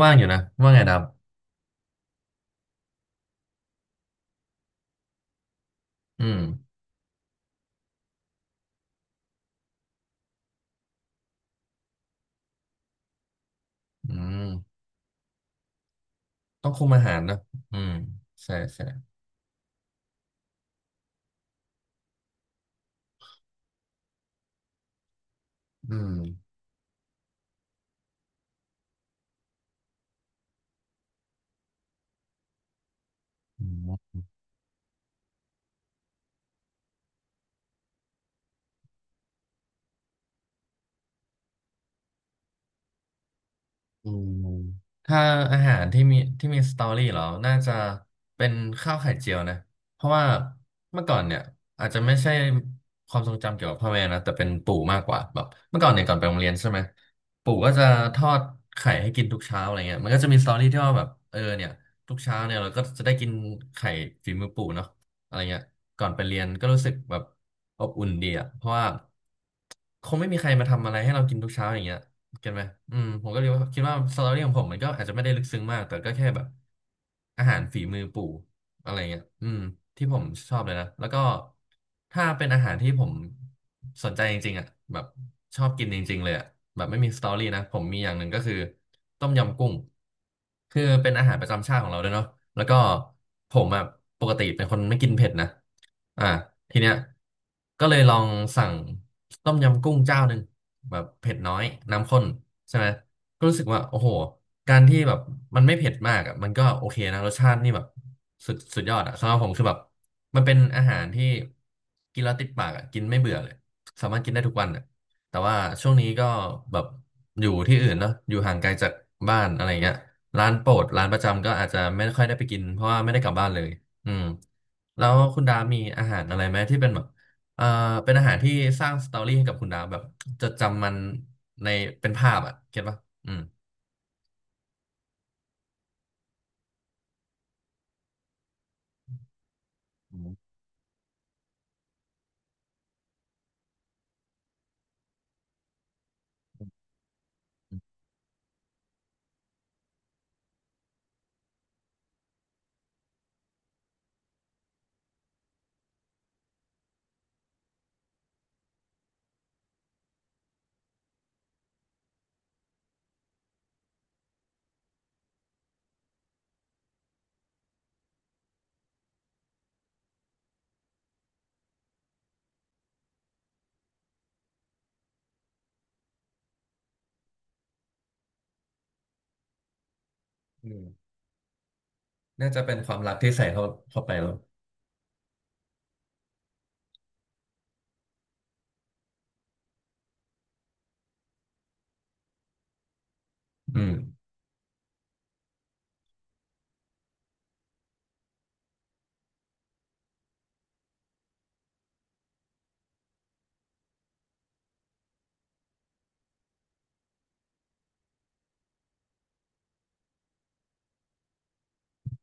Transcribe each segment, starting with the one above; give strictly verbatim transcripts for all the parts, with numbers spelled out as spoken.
ว่างอยู่นะว่างไงดำอืมอืมต้องคุมอาหารนะอืมใช่ใช่อืม อืมถ้าอาหารที่มีที่มีสตอรี่เหรอน่าจะเป็นข้าวไข่เจียวนะเพราะว่าเมื่อก่อนเนี่ยอาจจะไม่ใช่ความทรงจำเกี่ยวกับพ่อแม่นะแต่เป็นปู่มากกว่าแบบเมื่อก่อนเนี่ยก่อนไปโรงเรียนใช่ไหมปู่ก็จะทอดไข่ให้กินทุกเช้าอะไรเงี้ยมันก็จะมีสตอรี่ที่ว่าแบบเออเนี่ยทุกเช้าเนี่ยเราก็จะได้กินไข่ฝีมือปู่เนาะอะไรเงี้ยก่อนไปเรียนก็รู้สึกแบบอบอุ่นดีอะเพราะว่าคงไม่มีใครมาทำอะไรให้เรากินทุกเช้าอย่างเงี้ย เก็ตไหมอืมผมก็เลยว่าคิดว่าสตอรี่ของผมมันก็อาจจะไม่ได้ลึกซึ้งมากแต่ก็แค่แบบอาหารฝีมือปู่อะไรเงี้ยอืมที่ผมชอบเลยนะแล้วก็ถ้าเป็นอาหารที่ผมสนใจจริงๆอ่ะแบบชอบกินจริงๆเลยอ่ะแบบไม่มีสตอรี่นะผมมีอย่างหนึ่งก็คือต้มยำกุ้งคือเป็นอาหารประจำชาติของเราด้วยเนาะแล้วก็ผมอ่ะปกติเป็นคนไม่กินเผ็ดนะ อ่าทีเนี้ยก็เลยลองสั่งต้มยำกุ้งเจ้าหนึ่งแบบเผ็ดน้อยน้ำข้นใช่ไหมก็รู้สึกว่าโอ้โหการที่แบบมันไม่เผ็ดมากอ่ะมันก็โอเคนะรสชาตินี่แบบสุดสุดยอดอ่ะสำหรับผมคือแบบมันเป็นอาหารที่กินแล้วติดปากอ่ะกินไม่เบื่อเลยสามารถกินได้ทุกวันอ่ะแต่ว่าช่วงนี้ก็แบบอยู่ที่อื่นเนาะอยู่ห่างไกลจากบ้านอะไรเงี้ยร้านโปรดร้านประจำก็อาจจะไม่ค่อยได้ไปกินเพราะว่าไม่ได้กลับบ้านเลย อืมแล้วคุณดามีอาหารอะไรไหมที่เป็นแบบเอ่อเป็นอาหารที่สร้างสตอรี่ให้กับคุณดาแบบจดจำมันในเป็นภาพอ่ะเก็ตปะอืมอืมอืมน่าจะเป็นความรักที่ใส่เข้าเข้าไปแล้วอืม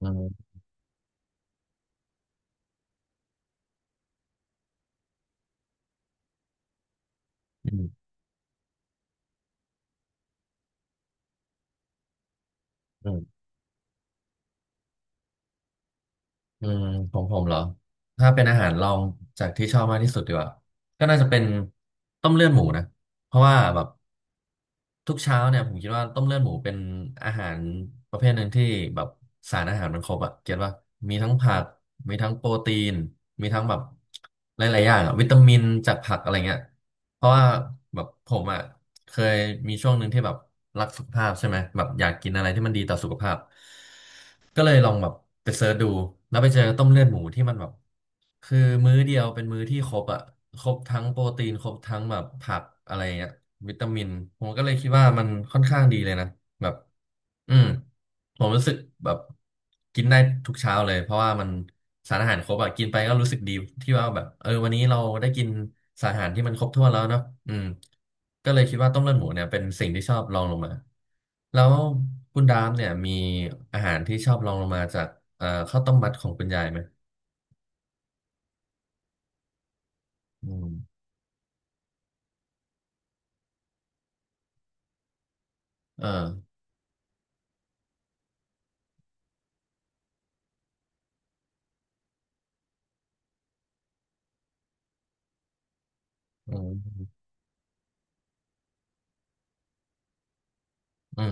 อืมอืมอืมอืมของผมเหรอถ้าเป็นอาหารลองจากที่ชอบมากที่สุดดีกว่าก็น่าจะเป็นต้มเลือดหมูนะเพราะว่าแบบ ทุกเช้าเนี่ยผมคิดว่าต้มเลือดหมูเป็นอาหารประเภทหนึ่งที่แบบสารอาหารมันครบอะเก็ตว่ามีทั้งผักมีทั้งโปรตีนมีทั้งแบบหลายๆอย่างอะวิตามินจากผักอะไรเงี้ยเพราะว่าแบบผมอะเคยมีช่วงหนึ่งที่แบบรักสุขภาพใช่ไหมแบบอยากกินอะไรที่มันดีต่อสุขภาพก็เลยลองแบบไปเสิร์ชดูแล้วไปเจอต้มเลือดหมูที่มันแบบ คือมื้อเดียวเป็นมื้อที่ครบอ่ะครบทั้งโปรตีนครบทั้งแบบผักอะไรเงี้ยวิตามินผมก็เลยคิดว่ามันค่อนข้างดีเลยนะแบบอืมผมรู้สึกแบบกินได้ทุกเช้าเลยเพราะว่ามันสารอาหารครบอ่ะกินไปก็รู้สึกดีที่ว่าแบบเออวันนี้เราได้กินสารอาหารที่มันครบถ้วนแล้วเนาะอืมก็เลยคิดว่าต้มเลือดหมูเนี่ยเป็นสิ่งที่ชอบรองลงมาแล้วคุณดามเนี่ยมีอาหารที่ชอบรองลงมาจากเอ่อข้าวต้มมัดของคุณยายไหมอืมเออ อืมอืม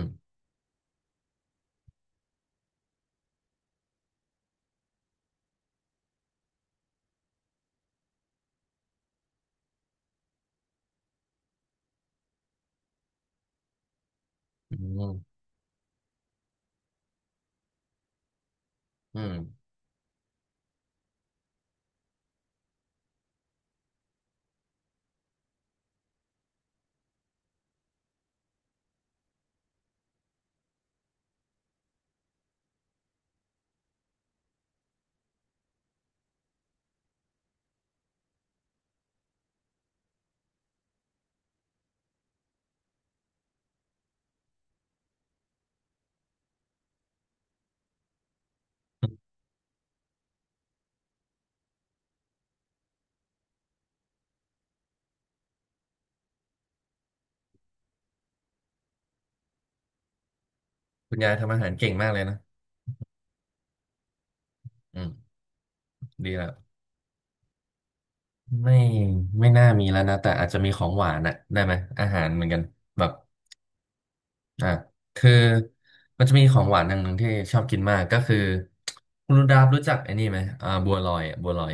อืมอืมคุณยายทำอาหารเก่งมากเลยนะอืมดีแลวไม่ไม่น่ามีแล้วนะแต่อาจจะมีของหวานอะได้ไหมอาหารเหมือนกันแบบอ่ะคือมันจะมีของหวานอย่างหนึ่งที่ชอบกินมาก ก็คือคุณดาบรู้จักไอ้นี่ไหมอ่าบัวลอยอะบัวลอย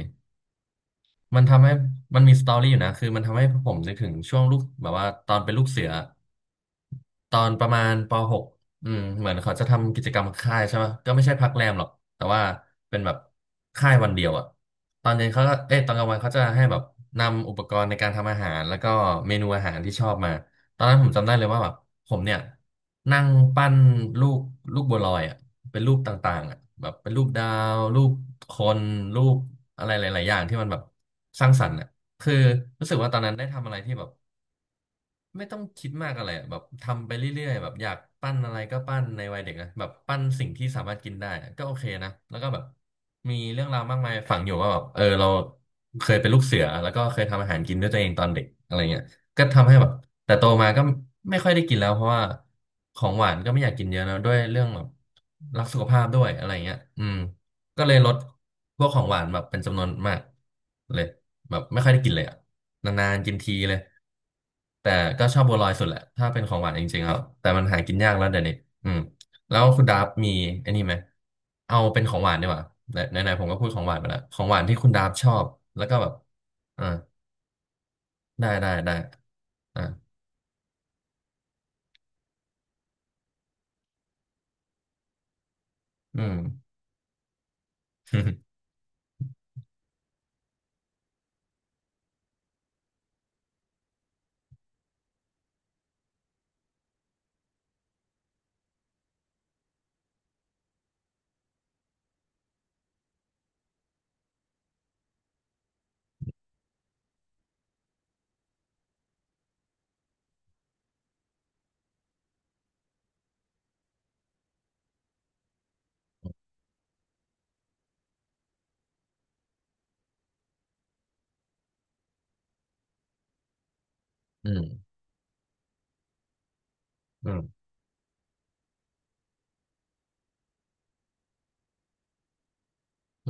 มันทำให้มันมีสตอรี่อยู่นะคือมันทำให้ผมนึกถึงช่วงลูกแบบว่าตอนเป็นลูกเสือ ตอนประมาณป .หก อืมเหมือนเขาจะทำกิจกรรมค่ายใช่ไหมก็ไม่ใช่พักแรมหรอกแต่ว่าเป็นแบบค่ายวันเดียวอะตอนเย็นเขาก็เอ้ยตอนกลางวันเขาจะให้แบบนำอุปกรณ์ในการทำอาหารแล้วก็เมนูอาหารที่ชอบมา ตอนนั้นผมจำได้เลยว่าแบบผมเนี่ยนั่งปั้นลูกลูกบัวลอยอะเป็นรูปต่างๆอะแบบเป็นรูปดาวรูปคนรูปอะไรหลายๆอย่างที่มันแบบสร้างสรรค์อะคือรู้สึกว่าตอนนั้นได้ทำอะไรที่แบบ ไม่ต้องคิดมากอะไรอะแบบทำไปเรื่อยๆแบบอยากปั้นอะไรก็ปั้นในวัยเด็กนะแบบปั้นสิ่งที่สามารถกินได้อะก็โอเคนะแล้วก็แบบมีเรื่องราวมากมายฝังอยู่ว่าแบบเออเราเคยเป็นลูกเสือแล้วก็เคยทำอาหารกินด้วยตัวเองตอนเด็กอะไรเงี้ยก็ทำให้แบบแต่โตมาก็ไม่ค่อยได้กินแล้วเพราะว่าของหวานก็ไม่อยากกินเยอะนะด้วยเรื่องแบบรักสุขภาพด้วยอะไรเงี้ยอืม ก็เลยลดพวกของหวานแบบเป็นจำนวนมากเลยแบบไม่ค่อยได้กินเลยอ่ะนานๆกินทีเลยแต่ก็ชอบบัวลอยสุดแหละถ้าเป็นของหวานจริงๆครับแต่มันหากินยากแล้วเดี๋ยวนี้อืมแล้วคุณดาบมีไอ้นี่ไหมเอาเป็นของหวานดีกว่าไหนไหนๆผมก็พูดของหวานไปแล้วของหวานที่คุณดาบชอบแล้วก็แบบอ่าได้ได้ได้อ่าอืม อืมอืม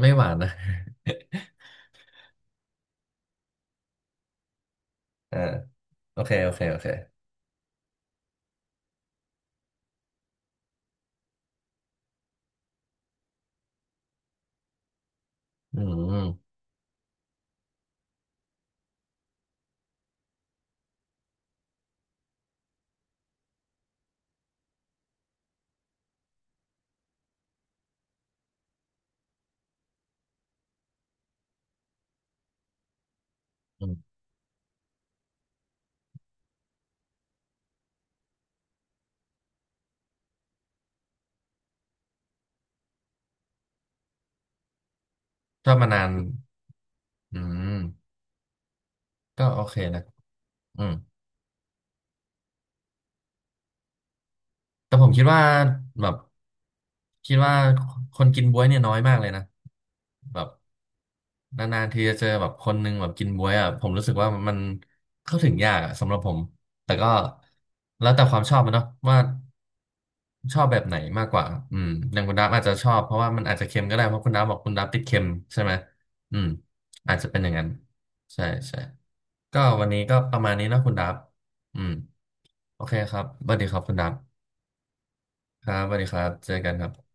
ไม่หวานนะอ่าโอเคโอเคโอเคอืมอืมชอบมานานอืม ก็โอเคนะอืม แต่ผมคิดว่าแบบคิดว่าคนกินบ๊วยเนี่ยน้อยมากเลยนะแบบนานๆทีจะเจอแบบคนหนึ่งแบบกินบ๊วยอ่ะผมรู้สึกว่ามันเข้าถึงยากอ่ะสำหรับผมแต่ก็แล้วแต่ความชอบมันเนาะว่าชอบแบบไหนมากกว่าอืมอย่างคุณดับอาจจะชอบเพราะว่ามันอาจจะเค็มก็ได้เพราะคุณดับบอกคุณดับติดเค็มใช่ไหมอืมอาจจะเป็นอย่างนั้นใช่ใช่ก็วันนี้ก็ประมาณนี้นะคุณดับอืมโอเคครับสวัสดีครับคุณดับ ครับสวัสดีครับเจอกันครับ